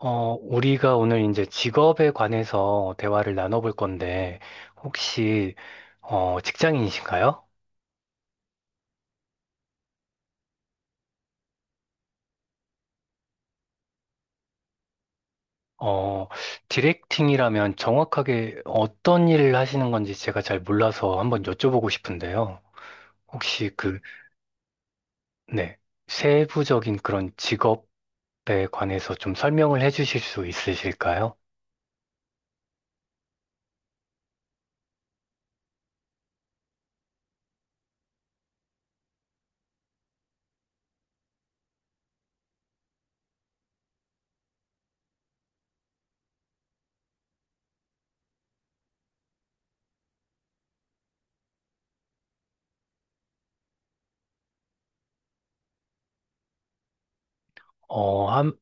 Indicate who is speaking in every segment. Speaker 1: 우리가 오늘 이제 직업에 관해서 대화를 나눠볼 건데, 혹시, 직장인이신가요? 어, 디렉팅이라면 정확하게 어떤 일을 하시는 건지 제가 잘 몰라서 한번 여쭤보고 싶은데요. 혹시 네, 세부적인 그런 직업에 관해서 좀 설명을 해주실 수 있으실까요? 어, 한,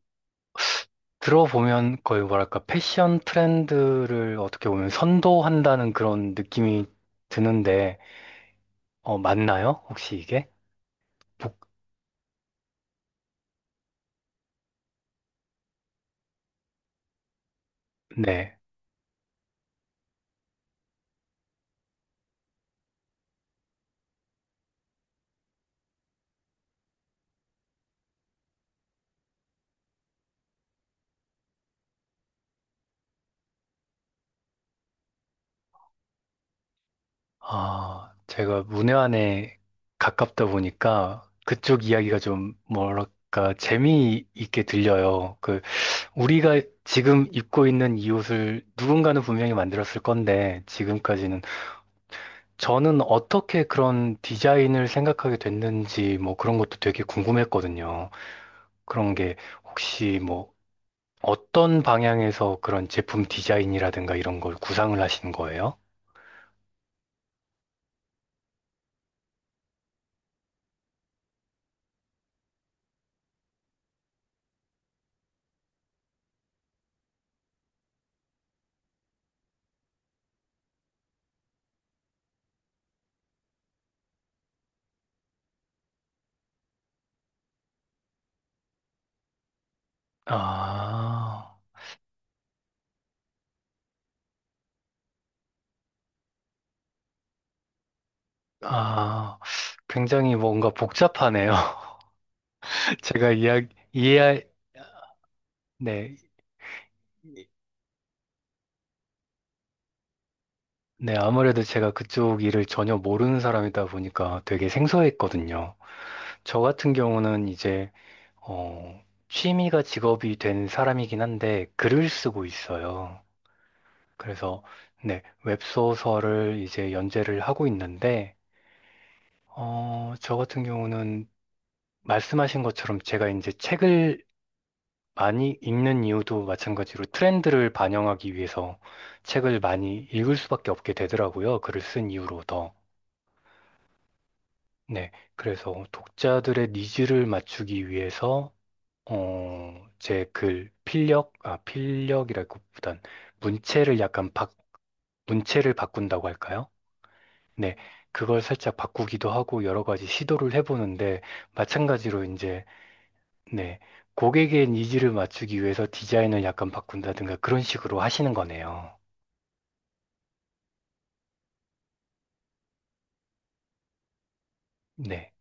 Speaker 1: 들어보면 거의 뭐랄까, 패션 트렌드를 어떻게 보면 선도한다는 그런 느낌이 드는데, 맞나요? 혹시 이게? 북, 네. 아, 제가 문외한에 가깝다 보니까 그쪽 이야기가 좀 뭐랄까 재미있게 들려요. 그 우리가 지금 입고 있는 이 옷을 누군가는 분명히 만들었을 건데, 지금까지는 저는 어떻게 그런 디자인을 생각하게 됐는지 뭐 그런 것도 되게 궁금했거든요. 그런 게 혹시 뭐 어떤 방향에서 그런 제품 디자인이라든가 이런 걸 구상을 하신 거예요? 아, 아, 굉장히 뭔가 복잡하네요. 제가 이야, 이해, 네, 네, 아무래도 제가 그쪽 일을 전혀 모르는 사람이다 보니까 되게 생소했거든요. 저 같은 경우는 이제, 어, 취미가 직업이 된 사람이긴 한데 글을 쓰고 있어요. 그래서, 네, 웹소설을 이제 연재를 하고 있는데, 저 같은 경우는 말씀하신 것처럼 제가 이제 책을 많이 읽는 이유도 마찬가지로 트렌드를 반영하기 위해서 책을 많이 읽을 수밖에 없게 되더라고요. 글을 쓴 이후로 더. 네. 그래서 독자들의 니즈를 맞추기 위해서, 필력, 아, 필력이라기보단 문체를 약간 바, 문체를 바꾼다고 할까요? 네. 그걸 살짝 바꾸기도 하고 여러 가지 시도를 해보는데, 마찬가지로 이제, 네, 고객의 니즈를 맞추기 위해서 디자인을 약간 바꾼다든가 그런 식으로 하시는 거네요. 네.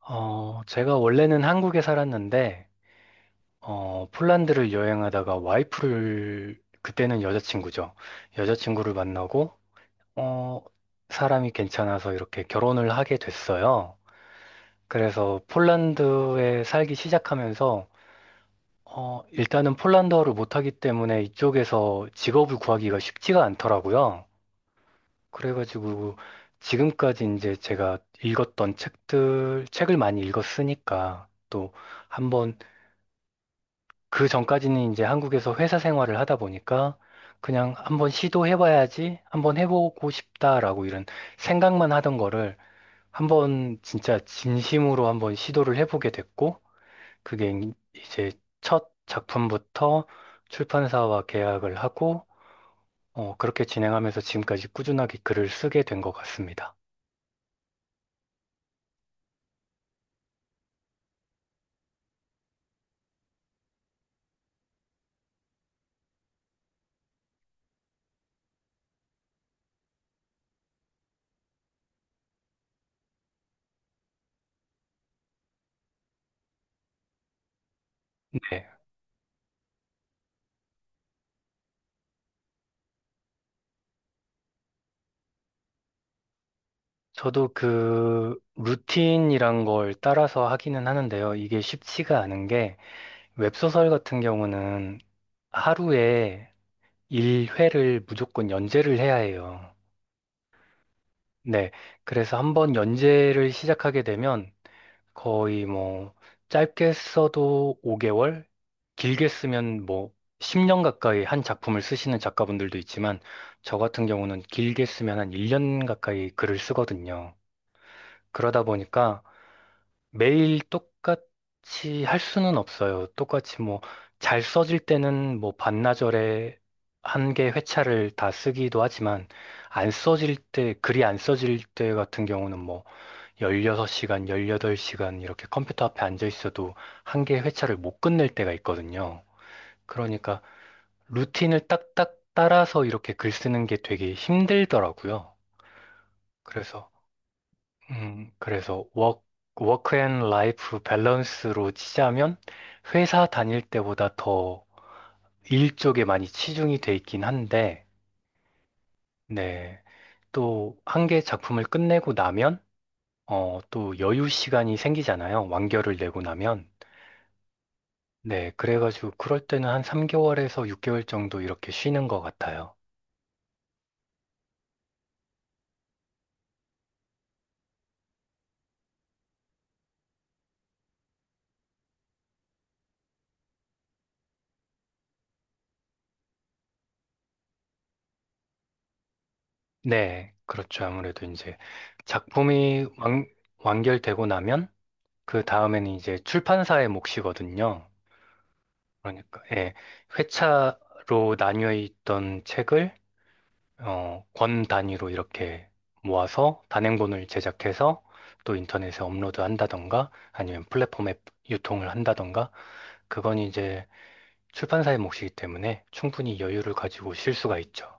Speaker 1: 제가 원래는 한국에 살았는데, 폴란드를 여행하다가 와이프를, 그때는 여자친구죠. 여자친구를 만나고, 어, 사람이 괜찮아서 이렇게 결혼을 하게 됐어요. 그래서 폴란드에 살기 시작하면서, 일단은 폴란드어를 못하기 때문에 이쪽에서 직업을 구하기가 쉽지가 않더라고요. 그래가지고 지금까지 이제 제가 읽었던 책들, 책을 많이 읽었으니까 또 한번, 그 전까지는 이제 한국에서 회사 생활을 하다 보니까 그냥 한번 시도해봐야지, 한번 해보고 싶다라고 이런 생각만 하던 거를 한번 진짜 진심으로 한번 시도를 해보게 됐고, 그게 이제 첫 작품부터 출판사와 계약을 하고, 그렇게 진행하면서 지금까지 꾸준하게 글을 쓰게 된 것 같습니다. 네. 저도 그 루틴이란 걸 따라서 하기는 하는데요. 이게 쉽지가 않은 게, 웹소설 같은 경우는 하루에 1회를 무조건 연재를 해야 해요. 네. 그래서 한번 연재를 시작하게 되면 거의 뭐 짧게 써도 5개월, 길게 쓰면 뭐 10년 가까이 한 작품을 쓰시는 작가분들도 있지만, 저 같은 경우는 길게 쓰면 한 1년 가까이 글을 쓰거든요. 그러다 보니까 매일 똑같이 할 수는 없어요. 똑같이 뭐 잘 써질 때는 뭐 반나절에 한 개 회차를 다 쓰기도 하지만, 안 써질 때, 글이 안 써질 때 같은 경우는 뭐 16시간, 18시간 이렇게 컴퓨터 앞에 앉아 있어도 한 개 회차를 못 끝낼 때가 있거든요. 그러니까 루틴을 딱딱 따라서 이렇게 글 쓰는 게 되게 힘들더라고요. 그래서 그래서 워크 앤 라이프 밸런스로 치자면 회사 다닐 때보다 더 일 쪽에 많이 치중이 돼 있긴 한데, 네. 또 한 개 작품을 끝내고 나면 또 여유 시간이 생기잖아요. 완결을 내고 나면. 네, 그래가지고 그럴 때는 한 3개월에서 6개월 정도 이렇게 쉬는 것 같아요. 네, 그렇죠. 아무래도 이제 작품이 완결되고 나면 그 다음에는 이제 출판사의 몫이거든요. 그러니까 예, 회차로 나뉘어 있던 책을 권 단위로 이렇게 모아서 단행본을 제작해서 또 인터넷에 업로드 한다던가 아니면 플랫폼에 유통을 한다던가, 그건 이제 출판사의 몫이기 때문에 충분히 여유를 가지고 쉴 수가 있죠.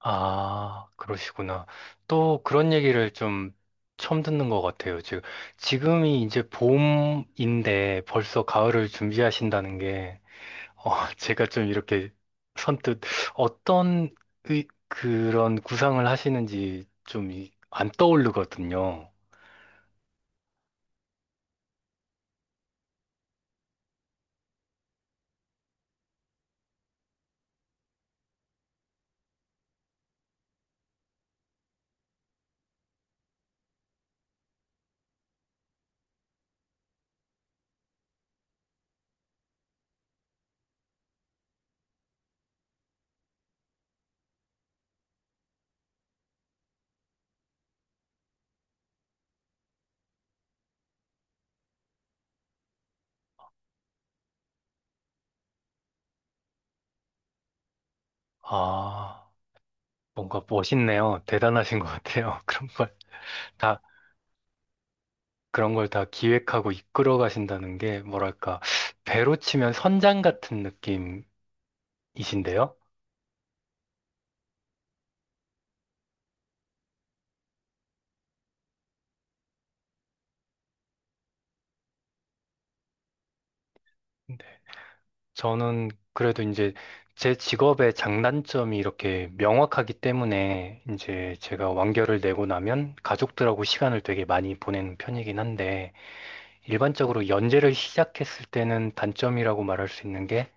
Speaker 1: 아, 그러시구나. 또 그런 얘기를 좀 처음 듣는 것 같아요. 지금이 이제 봄인데 벌써 가을을 준비하신다는 게, 어, 제가 좀 이렇게 선뜻 어떤 그런 구상을 하시는지 좀 안 떠오르거든요. 아, 뭔가 멋있네요. 대단하신 것 같아요. 다, 그런 걸 다 기획하고 이끌어 가신다는 게 뭐랄까, 배로 치면 선장 같은 느낌이신데요? 저는 그래도 이제 제 직업의 장단점이 이렇게 명확하기 때문에, 이제 제가 완결을 내고 나면 가족들하고 시간을 되게 많이 보내는 편이긴 한데, 일반적으로 연재를 시작했을 때는 단점이라고 말할 수 있는 게,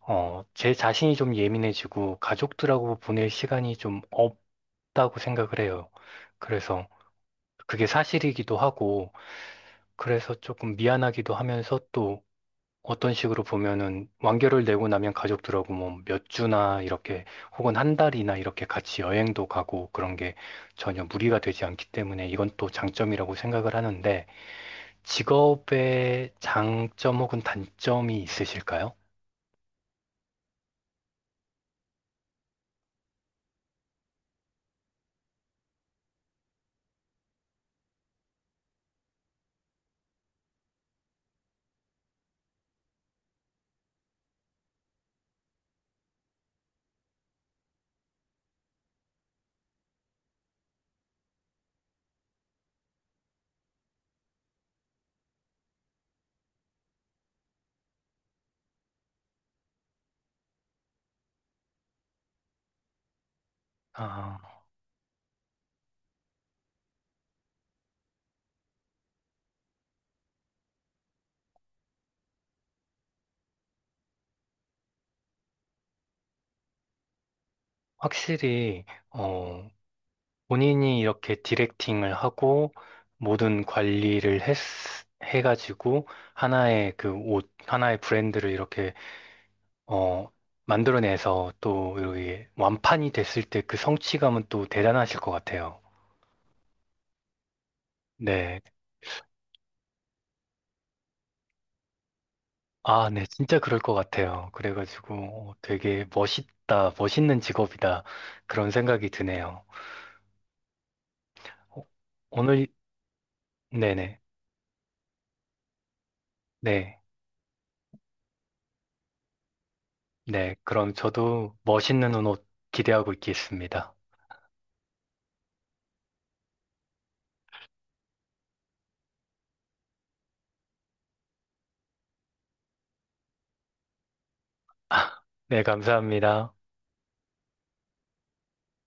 Speaker 1: 제 자신이 좀 예민해지고 가족들하고 보낼 시간이 좀 없다고 생각을 해요. 그래서 그게 사실이기도 하고, 그래서 조금 미안하기도 하면서, 또 어떤 식으로 보면은 완결을 내고 나면 가족들하고 뭐 몇 주나 이렇게 혹은 한 달이나 이렇게 같이 여행도 가고 그런 게 전혀 무리가 되지 않기 때문에 이건 또 장점이라고 생각을 하는데, 직업의 장점 혹은 단점이 있으실까요? 아, 확실히 어, 본인이 이렇게 디렉팅을 하고 모든 관리를 해가지고 하나의 브랜드를 이렇게 어, 만들어내서 또 여기 완판이 됐을 때 그 성취감은 또 대단하실 것 같아요. 네. 아, 네. 진짜 그럴 것 같아요. 그래가지고 되게 멋있는 직업이다. 그런 생각이 드네요. 어, 오늘, 네네. 네. 네. 그럼 저도 멋있는 옷 기대하고 있겠습니다. 네. 감사합니다.